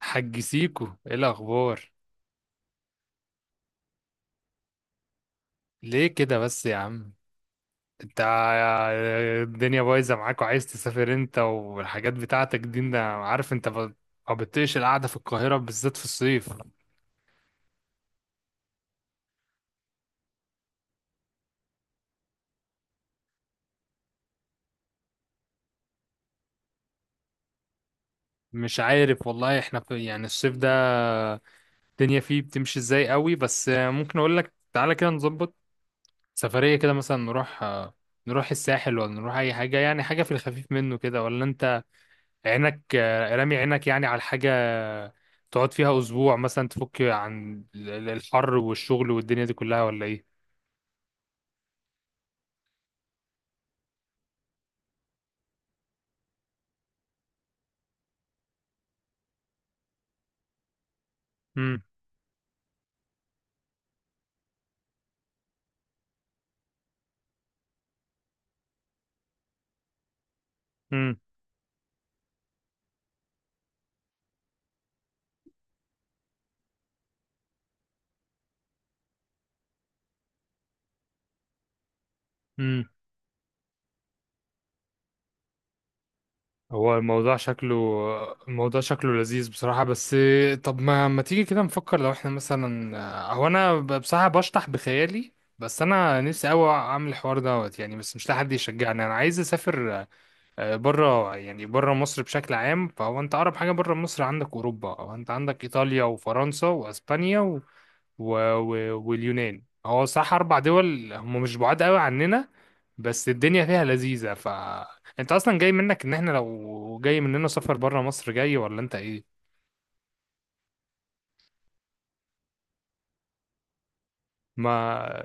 حج سيكو، ايه الاخبار؟ ليه كده بس يا عم؟ انت الدنيا بايظه معاك وعايز تسافر انت والحاجات بتاعتك دي. انا عارف انت ما بتطيقش القعده في القاهره، بالذات في الصيف. مش عارف والله، احنا في يعني الصيف ده الدنيا فيه بتمشي ازاي قوي. بس ممكن اقول لك تعالى كده نظبط سفريه كده، مثلا نروح الساحل، ولا نروح اي حاجه، يعني حاجه في الخفيف منه كده؟ ولا انت عينك آه، رامي عينك يعني على حاجة تقعد فيها أسبوع مثلا، تفك عن الحر والشغل والدنيا دي كلها، ولا إيه؟ مم. مم. مم. هو الموضوع شكله الموضوع شكله لذيذ بصراحة. بس طب ما تيجي كده نفكر لو احنا مثلا. هو أنا بصراحة بشطح بخيالي. بس أنا نفسي أوي أعمل الحوار دوت يعني، بس مش لاقي حد يشجعني. أنا عايز أسافر بره، يعني بره مصر بشكل عام. فهو انت اقرب حاجه بره مصر عندك اوروبا، او انت عندك ايطاليا وفرنسا واسبانيا و... واليونان. هو صح، اربع دول هم مش بعاد قوي عننا. بس الدنيا فيها لذيذه. ف انت اصلا جاي منك ان احنا لو جاي مننا سفر بره مصر، جاي ولا انت ايه؟ ما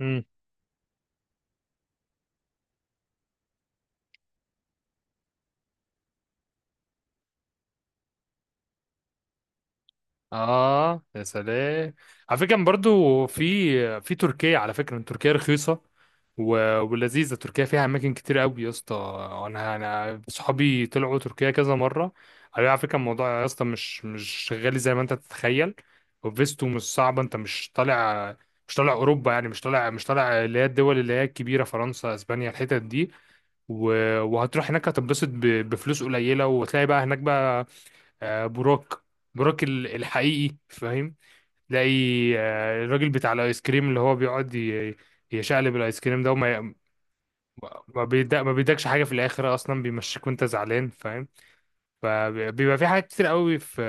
مم. اه يا سلام، على فكره برضو في تركيا، على فكره تركيا رخيصه ولذيذه. تركيا فيها اماكن كتير قوي يا اسطى. انا صحابي طلعوا تركيا كذا مره، قالوا لي على فكره الموضوع يا اسطى مش غالي زي ما انت تتخيل. وفيستو مش صعبه، انت مش طالع، مش طالع اوروبا يعني، مش طالع اللي هي الدول اللي هي الكبيره، فرنسا اسبانيا الحتت دي. و... وهتروح هناك، هتتبسط بفلوس قليله، وتلاقي بقى هناك بقى بروك، الحقيقي، فاهم. تلاقي الراجل بتاع الايس كريم اللي هو بيقعد يشقلب الايس كريم ده، وما ما بيدا ما بيدكش حاجه في الاخر، اصلا بيمشيك وانت زعلان فاهم. فبيبقى في حاجات كتير قوي في،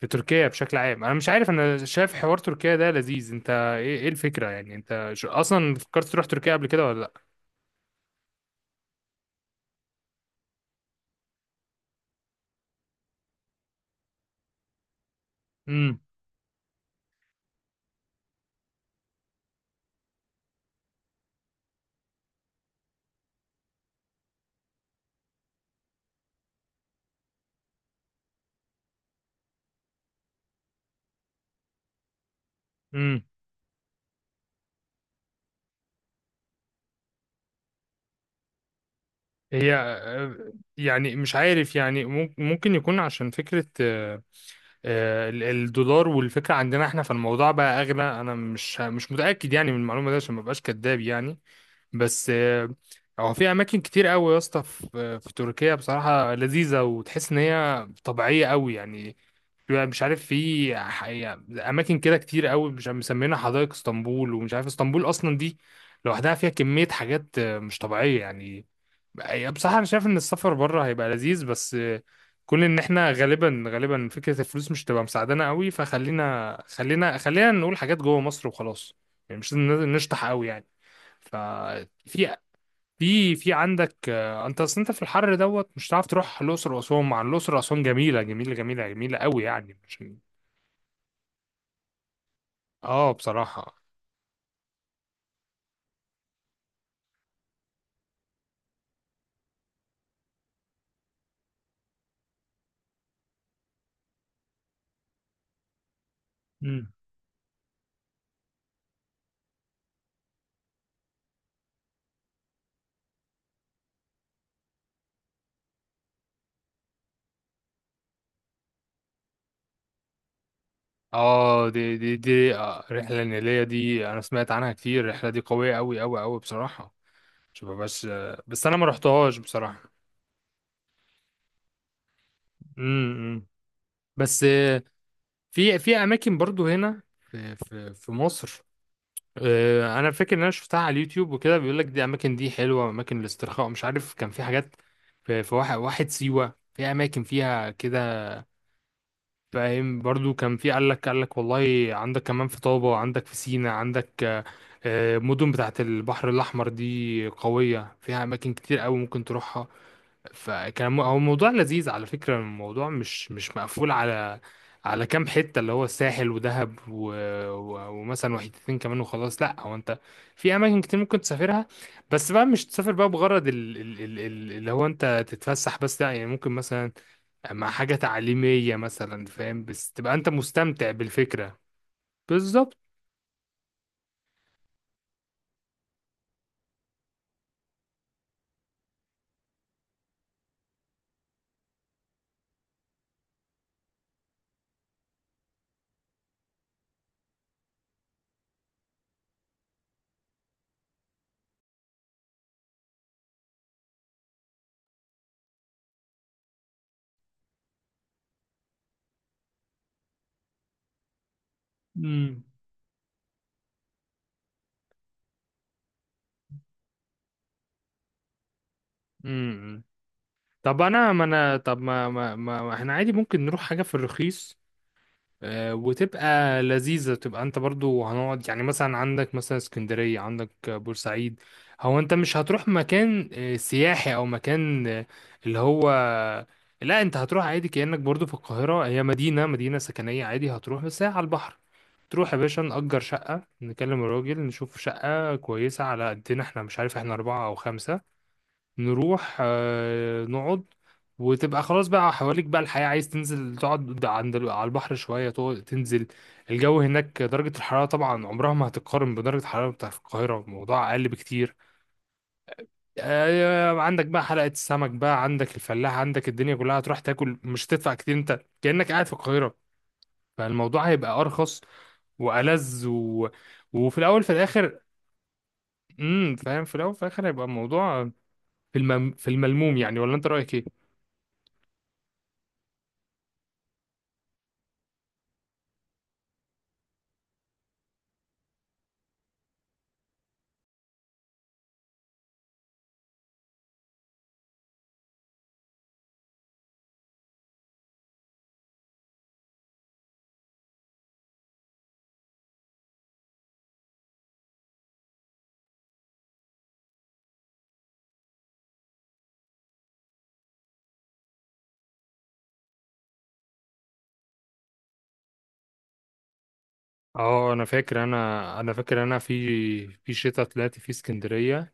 في تركيا بشكل عام. انا مش عارف، انا شايف حوار تركيا ده لذيذ. انت ايه الفكره؟ يعني انت اصلا فكرت تروح تركيا قبل كده ولا لا؟ امم. امم. هي يعني مش عارف يعني ممكن يكون عشان فكره الدولار والفكرة عندنا احنا، فالموضوع بقى اغلى. انا مش متأكد يعني من المعلومة دي، عشان ما بقاش كداب يعني. بس هو في اماكن كتير قوي يا اسطى في تركيا بصراحة لذيذة، وتحس ان هي طبيعية قوي يعني. بيبقى مش عارف في يعني اماكن كده كتير قوي، مش عارف مسمينها حدائق اسطنبول. ومش عارف اسطنبول اصلا دي لوحدها فيها كمية حاجات مش طبيعية يعني. يعني بصراحة أنا شايف إن السفر بره هيبقى لذيذ، بس كل إن إحنا غالبا غالبا فكرة الفلوس مش تبقى مساعدانا قوي. فخلينا خلينا خلينا نقول حاجات جوه مصر وخلاص، يعني مش لازم نشطح قوي يعني. ففي في عندك أنت أصل أنت في الحر دوت مش هتعرف تروح الأقصر وأسوان، مع إن الأقصر وأسوان جميلة جميلة جميلة جميلة قوي يعني، مش آه بصراحة. مم. اه دي الرحلة النيلية دي أنا سمعت عنها كتير. الرحلة دي قوية أوي أوي أوي بصراحة. مش ببقاش. بس انا ما رحتهاش بصراحه. امم. بس في اماكن برضو هنا، في في مصر. انا فاكر ان انا شفتها على اليوتيوب وكده. بيقول لك دي اماكن دي حلوه، اماكن الاسترخاء. مش عارف كان في حاجات في واحد سيوه، في اماكن فيها كده فاهم. برضو كان في قال لك والله عندك كمان في طابه، عندك في سينا، عندك مدن بتاعت البحر الاحمر دي قويه فيها اماكن كتير قوي ممكن تروحها. فكان هو موضوع لذيذ على فكرة. الموضوع مش مقفول على على كام حتة، اللي هو الساحل ودهب ومثلا وحيدتين كمان وخلاص. لا هو انت في اماكن كتير ممكن تسافرها، بس بقى مش تسافر بقى بغرض اللي هو انت تتفسح بس. لا يعني ممكن مثلا مع حاجة تعليمية مثلا فاهم، بس تبقى انت مستمتع بالفكرة. بالظبط. امم. امم. طب انا ما انا طب ما ما ما ما احنا عادي ممكن نروح حاجة في الرخيص وتبقى لذيذة. تبقى انت برضو هنقعد يعني مثلا عندك مثلا اسكندرية، عندك بورسعيد. هو انت مش هتروح مكان سياحي او مكان اللي هو. لا انت هتروح عادي كأنك برضو في القاهرة، هي مدينة سكنية، عادي هتروح بس هي على البحر. تروح يا باشا نأجر شقة، نكلم الراجل نشوف شقة كويسة على قدنا احنا، مش عارف احنا أربعة أو خمسة. نروح نقعد، وتبقى خلاص بقى حواليك بقى الحياة. عايز تنزل تقعد عند على البحر شوية تقعد تنزل. الجو هناك، درجة الحرارة طبعا عمرها ما هتتقارن بدرجة الحرارة بتاعت القاهرة، الموضوع أقل بكتير. عندك بقى حلقة السمك بقى، عندك الفلاح، عندك الدنيا كلها. هتروح تاكل مش هتدفع كتير، انت كأنك قاعد في القاهرة. فالموضوع هيبقى أرخص وألذ وفي الأول في الآخر. فاهم. في الأول في الآخر هيبقى الموضوع في الملموم يعني، ولا أنت رأيك إيه؟ اه انا فاكر انا في في شتاء طلعت في اسكندريه.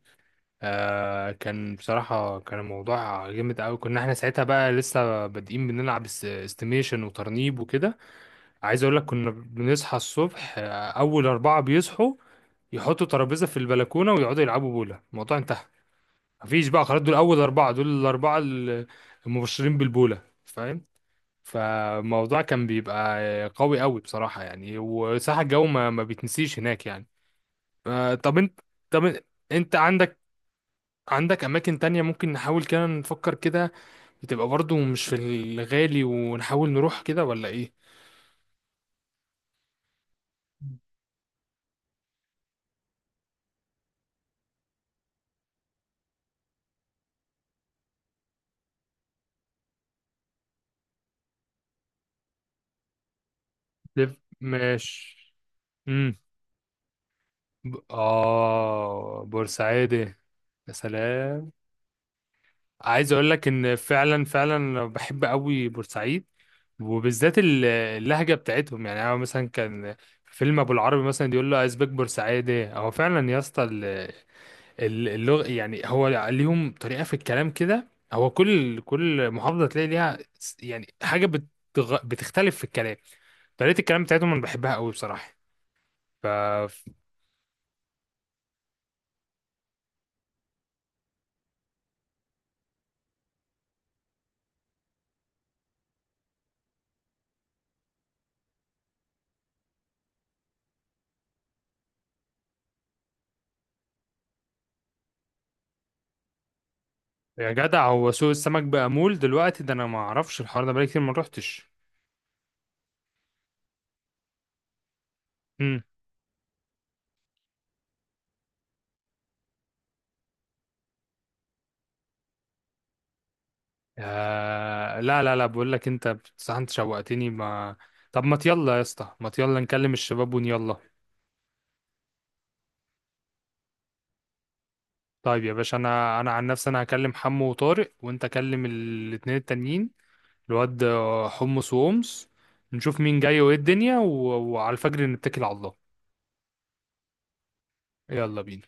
آه، كان بصراحه كان الموضوع جامد قوي. كنا احنا ساعتها بقى لسه بادئين بنلعب استيميشن وترنيب وكده. عايز اقول لك كنا بنصحى الصبح، آه اول اربعه بيصحوا يحطوا ترابيزه في البلكونه ويقعدوا يلعبوا بوله. الموضوع انتهى، مفيش بقى خلاص. دول اول اربعه، دول الاربعه المبشرين بالبوله فاهم. فالموضوع كان بيبقى قوي قوي بصراحة يعني، وصح الجو ما بيتنسيش هناك يعني. آه، طب انت طب انت عندك، عندك اماكن تانية ممكن نحاول كده نفكر كده، بتبقى برضو مش في الغالي ونحاول نروح كده، ولا ايه؟ ماشي. امم. بورسعيد يا سلام. عايز اقول لك ان فعلا فعلا بحب قوي بورسعيد، وبالذات اللهجه بتاعتهم يعني. انا مثلا كان فيلم ابو العربي مثلا يقول له ازبك بورسعيدي. هو فعلا يا اسطى اللغه يعني. هو ليهم طريقه في الكلام كده. هو كل محافظه تلاقي ليها يعني حاجه بتختلف في الكلام. طريقه الكلام بتاعتهم انا بحبها قوي بصراحه. ف يا جدع، هو سوق السمك بقى مول دلوقتي؟ ده انا ما اعرفش الحوار ده، بقالي كتير ما روحتش. آه لا لا لا، بقول لك انت بصراحة انت شوقتني ما. طب ما يلا يا اسطى، ما يلا نكلم الشباب ونيلا. طيب يا باشا انا عن نفسي انا هكلم حمو وطارق، وانت كلم الاتنين التانيين. الواد حمص وأمس. نشوف مين جاي وايه الدنيا وعلى الفجر نتكل على الله. يلا بينا.